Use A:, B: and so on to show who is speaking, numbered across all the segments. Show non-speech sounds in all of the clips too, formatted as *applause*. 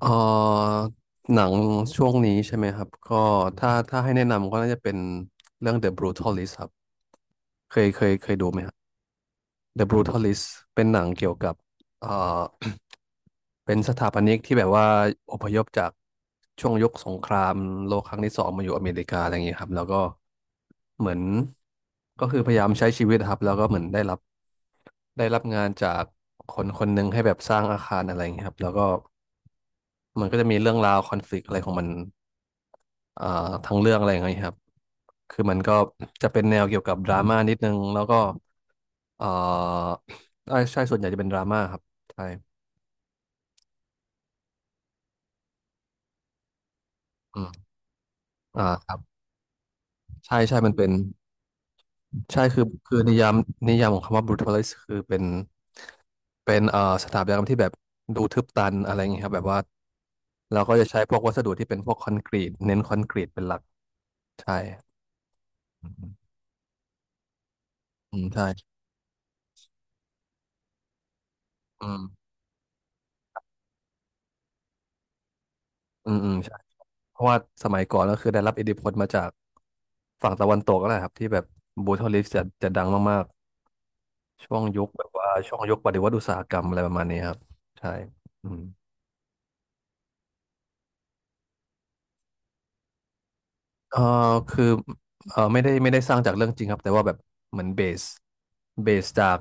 A: เอ่อหนังช่วงนี้ใช่ไหมครับก็ถ้าให้แนะนำก็น่าจะเป็นเรื่อง The Brutalist ครับเคยดูไหมครับ The Brutalist เป็นหนังเกี่ยวกับเอ่อ *coughs* *clears throat* เป็นสถาปนิกที่แบบว่าอพยพจากช่วงยุคสงครามโลกครั้งที่สองมาอยู่อเมริกาอะไรอย่างเงี้ยครับแล้วก็เหมือนก็คือพยายามใช้ชีวิตครับแล้วก็เหมือนได้รับงานจากคนคนหนึ่งให้แบบสร้างอาคารอะไรอย่างเงี้ยครับแล้วก็ มันก็จะมีเรื่องราวคอนฟ lict อะไรของมันอ่าทั้งเรื่องอะไรอย่างเงี้ยครับ คือมันก็จะเป็นแนวเกี่ยวกับดราม่านิดนึงแล้วก็เอ่อใช่ใช่ส่วนใหญ่จะเป็นดราม่าครับใช่อืมอ่าครับใช่ใช่มันเป็นใช่คือนิยามนิยามของคำว่า brutalist คือเป็นเป็นสถาปัตยกรรมที่แบบดูทึบตันอะไรอย่างเงี้ยครับแบบว่าเราก็จะใช้พวกวัสดุที่เป็นพวกคอนกรีตเน้นคอนกรีตเป็นหลักใช่อืมอืมใช่อืมอืมอืมใช่ เพราะว่าสมัยก่อนก็คือได้รับอิทธิพลมาจากฝั่งตะวันตกก็แหละครับที่แบบบูทอลลิสจะดังมากๆช่วงยุคแบบว่าช่วงยุคปฏิวัติอุตสาหกรรมอะไรประมาณนี้ครับใช่อืม เออคือเออไม่ได้สร้างจากเรื่องจริงครับแต่ว่าแบบเหมือนเบสจาก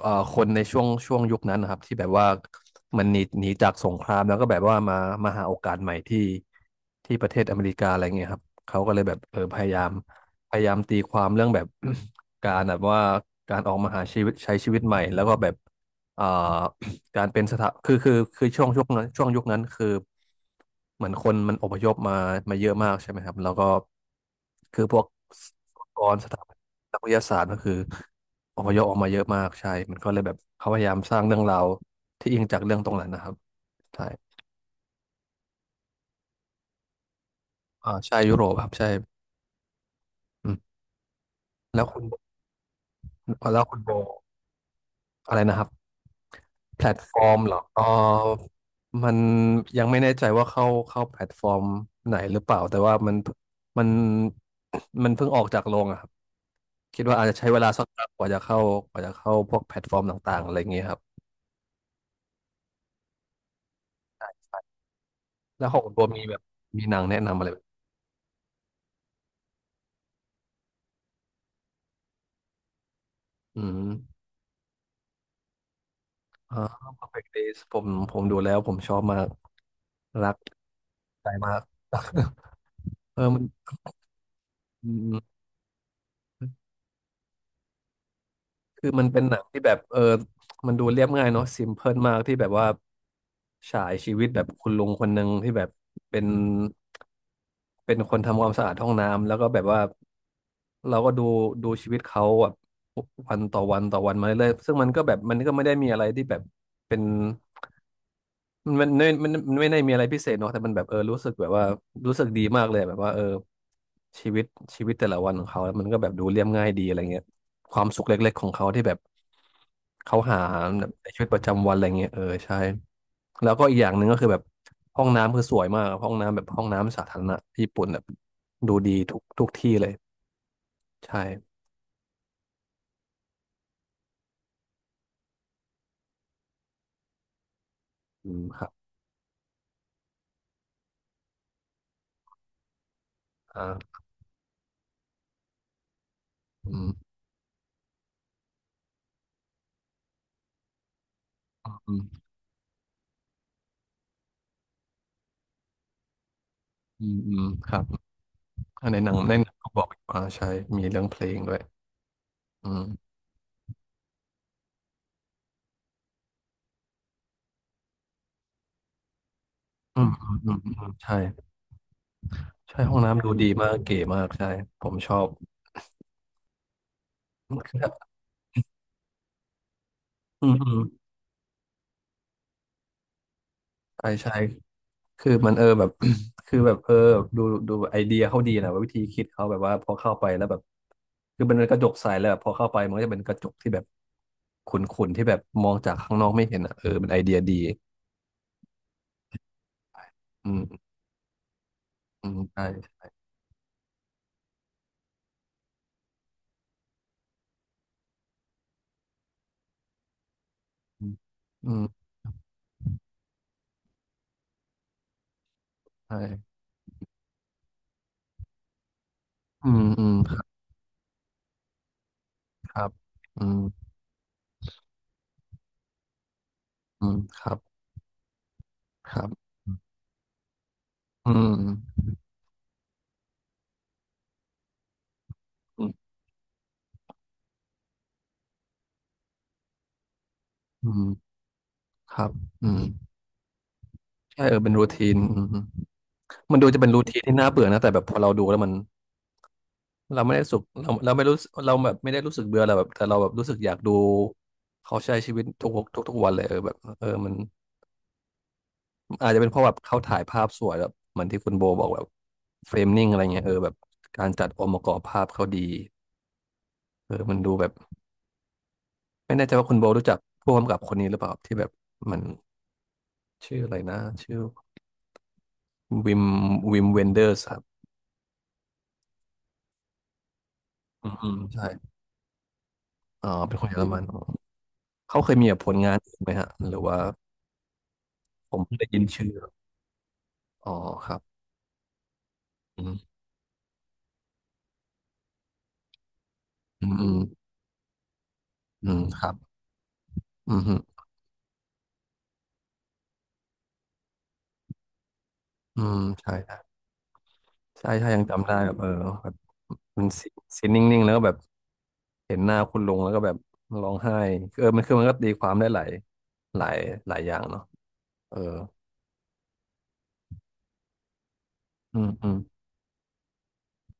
A: คนในช่วงยุคนั้นนะครับที่แบบว่าเหมันหนีจากสงครามแล้วก็แบบว่ามาหาโอกาสใหม่ที่ที่ประเทศอเมริกาอะไรเงี้ยครับเขาก็เลยแบบเออพยายามตีความเรื่องแบบ *clears throat* การแบบว่าการออกมาหาชีวิตใช้ชีวิตใหม่แล้วก็แบบเอ่อ การเป็นสถาคือช่วงนั้นช่วงยุคนั้นคือเหมือนคนมันอพยพมามาเยอะมากใช่ไหมครับแล้วก็คือพวกอุปกรณ์สถาบันนักวิทยาศาสตร์ก็คืออพยพออกมาเยอะมากใช่มันก็เลยแบบเขาพยายามสร้างเรื่องราวที่อิงจากเรื่องตรงนั้นนะครับใช่อ่าใช่ยุโรปครับใช่อืมแล้วคุณแล้วคุณโบอะไรนะครับ แพลตฟอร์มเหรอเออมันยังไม่แน่ใจว่าเข้าแพลตฟอร์มไหนหรือเปล่าแต่ว่ามันมันเพิ่งออกจากโรงอะครับคิดว่าอาจจะใช้เวลาสักพักกว่าจะเข้ากว่าจะเข้าพวกแพลตฟอร์มต่างๆอะไรอย่างเงี้ยครับแล้วของคุณโบมีแบบมีหนังแนะนำอะไรแอืมอ่า Perfect Days ผมดูแล้วผมชอบมากรักใจมาก *laughs* เออมันอืม คือมันเป็นหนังที่แบบเออมันดูเรียบง่ายเนาะ s ิมเพิลมากที่แบบว่าฉายชีวิตแบบคุณลุงคนหนึ่งที่แบบเป็นเป็นคนทำความสะอาดห้องน้ำแล้วก็แบบว่าเราก็ดูดูชีวิตเขาแบบวันต่อวันต่อวันมาเรื่อยๆซึ่งมันก็แบบมันก็ไม่ได้มีอะไรที่แบบเป็น มันไม่มันไม่ได้มีอะไรพิเศษเนาะแต่มันแบบเออรู้สึกแบบว่ารู้สึกดีมากเลยแบบว่าเออชีวิตชีวิตแต่ละวันของเขามันก็แบบดูเรียบง่ายดีอะไรเงี้ยความสุขเล็กๆของเขาที่แบบเขาหาในชีวิตประจำวันอะไรเงี้ยเออใช่แล้วก็อีกอย่างหนึ่งก็คือแบบห้องน้ำคือสวยมากห้องน้ำแบบห้องน้ำสาธารณะญี่ปุ่นแบบดูดีทุกที่เลยใช่อืมครับอ่าอืมอืมอืมอืมครับอ่าในหนังในหนังเขาบอกอยู่อ่าใช่มีเรื่องเพลงด้วยอืม อืมอืมอืมอืมใช่ใช่ห้องน้ำดูดีมากเก๋มากใช่ผมชอบคือแบบอืมอืมใช่ใช่คือมันเออแบบ *coughs* *clears throat* คือแบบเออดูดูไอเดียเขาดีนะว่าวิธีคิดเขาแบบว่าพอเข้าไปแล้วแบบคือมันเป็นกระจกใสแล้วแบบพอเข้าไปมันก็จะเป็นกระจกที่แบบขุ่นๆที่แบบมองจากข้างนอกไม่เห็นอ่ะเออเป็นไอเดียดีอืมอืมใช่อืมอืมใช่อืมอืมครับครับอืมอืมครับครับอืมอืมอืมครับอืม ใช่เออเป็นรูทีนอืมมันดูจะเป็นรูทีนที่น่าเบื่อนะแต่แบบพอเราดูแล้วมันเราไม่ได้สุขเราไม่รู้สึกเราแบบไม่ได้รู้สึกเบื่อเราแบบแต่เราแบบรู้สึกอยากดูเขาใช้ชีวิตทุกวันเลยเออแบบเออมันอาจจะเป็นเพราะแบบเขาถ่ายภาพสวยแบบเหมือนที่คุณโบบอกแบบเฟรมนิ่งอะไรเงี้ยเออแบบการจัดองค์ประกอบภาพเขาดีเออมันดูแบบไม่แน่ใจว่าคุณโบรู้จักผู้กำกับคนนี้หรือเปล่าที่แบบมันชื่ออะไรนะชื่อวิมวิมเวนเดอร์สครับอืมใช่อ๋อเป็นคนเยอรมัน เขาเคยมีแบบผลงานอื่นไหมฮะหรือว่าผมเพิ่งได้ยินชื่ออ๋อครับอืมอืมอืมอืมครับอืมฮึอืมใช่ใช่ใช่ยังจำได้แบบเออแบบมันซีนนิ่งๆแล้วก็แบบเห็นหน้าคุณลุงแล้วก็แบบร้องไห้เออมันคือมันก็ตีความได้หลายหลายอย่างเนาะเอออืมอืม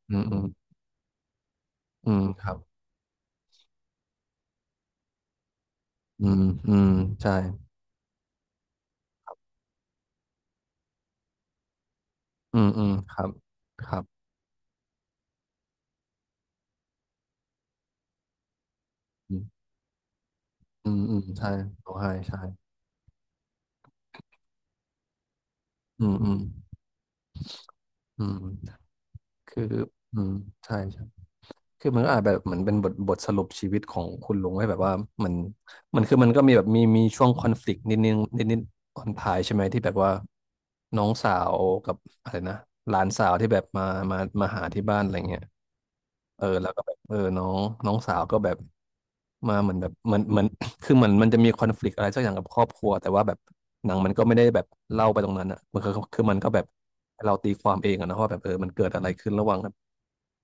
A: อืมอืมอืมครับอืมอืมใช่อืมครับครับอืมอืมใช่ร้องไห้ใช่อืมอืมอืมคืออืมใช่ใช่ คือมันก็อาจแบบเหมือนเป็นบทสรุปชีวิตของคุณลุงให้แบบว่ามันมันคือมันก็มีแบบมีช่วงคอนฟ lict นิดนึงนิดตอนท้ายใช่ไหมที่แบบว่าน้องสาวกับอะไรนะหลานสาวที่แบบมาหาที่บ้านอะไรเงี้ยเออแล้วก็แบบเออน้องน้องสาวก็แบบมาเหมือนแบบเหมือน คือเหมือนมันจะมีคอนฟ lict อะไรสักอย่างกับครอบครัวแต่ว่าแบบหนังมันก็ไม่ได้แบบเล่าไปตรงนั้นอ่ะมันคือมันก็แบบให้เราตีความเองอะนะว่าแบบเออมันเกิดอะไรขึ้นระหว่างแบบ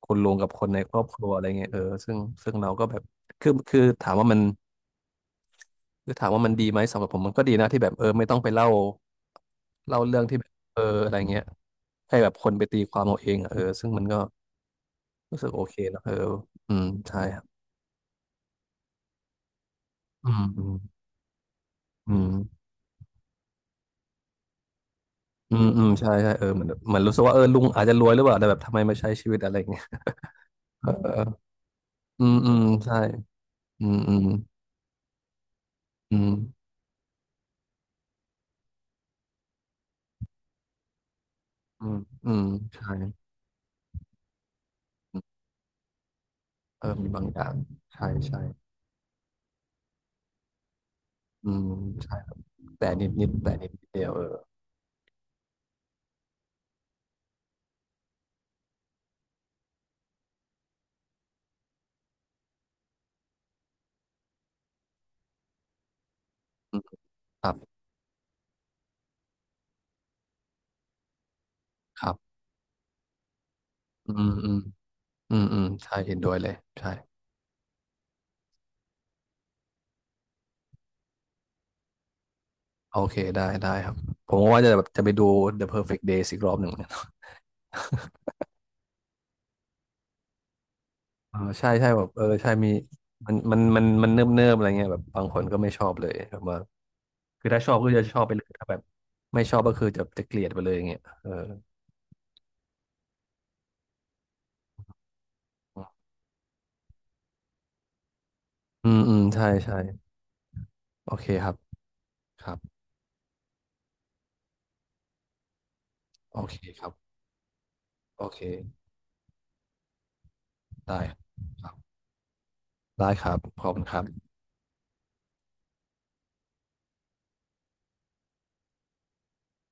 A: คนลุงกับคนในครอบครัวอะไรเงี้ยเออซึ่งเราก็แบบคือถามว่ามันคือถามว่ามันดีไหมสำหรับผมมันก็ดีนะที่แบบเออไม่ต้องไปเล่าเรื่องที่แบบเอออะไรเงี้ยให้แบบคนไปตีความเอาเองอะเออซึ่งมันก็รู้สึกโอเคนะเอออืมใช่ครับอืมอืมอืม อืมใช่ใช่เออเหมือนรู้สึกว่าเออลุงอาจจะรวยหรือเปล่าแต่แบบทำไมมาใช้ชีวิตอะไรอย่างเงี้ยเอออืมใช่อืมอืมอืมอืมอืมใช่อืมเออมีบางอย่างใช่ใช่อืมใช่แต่นิดแต่นิดเดียวเอออืมครับครับอืมอืมอืมอืมใช่เห็นด้วยเลยใช่โอเคได้ครับผมก็ว่าจะแบบจะไปดู The Perfect Days อีกรอบหนึ่งเหมือนกันเออใช่ใช่แบบเออใช่มีมันเนิบเนิบอะไรเงี้ยแบบบางคนก็ไม่ชอบเลยแบบว่า คือถ้าชอบก็จะชอบไปเลยถ้าแบบไม่ชอบก็คือจะเกลียดไปเลยอย่างเงี้ยเอออืมใช่ใช่โอเคครับครับโอเคครับโอเคได้ครับได้ครับขอบคุณครับ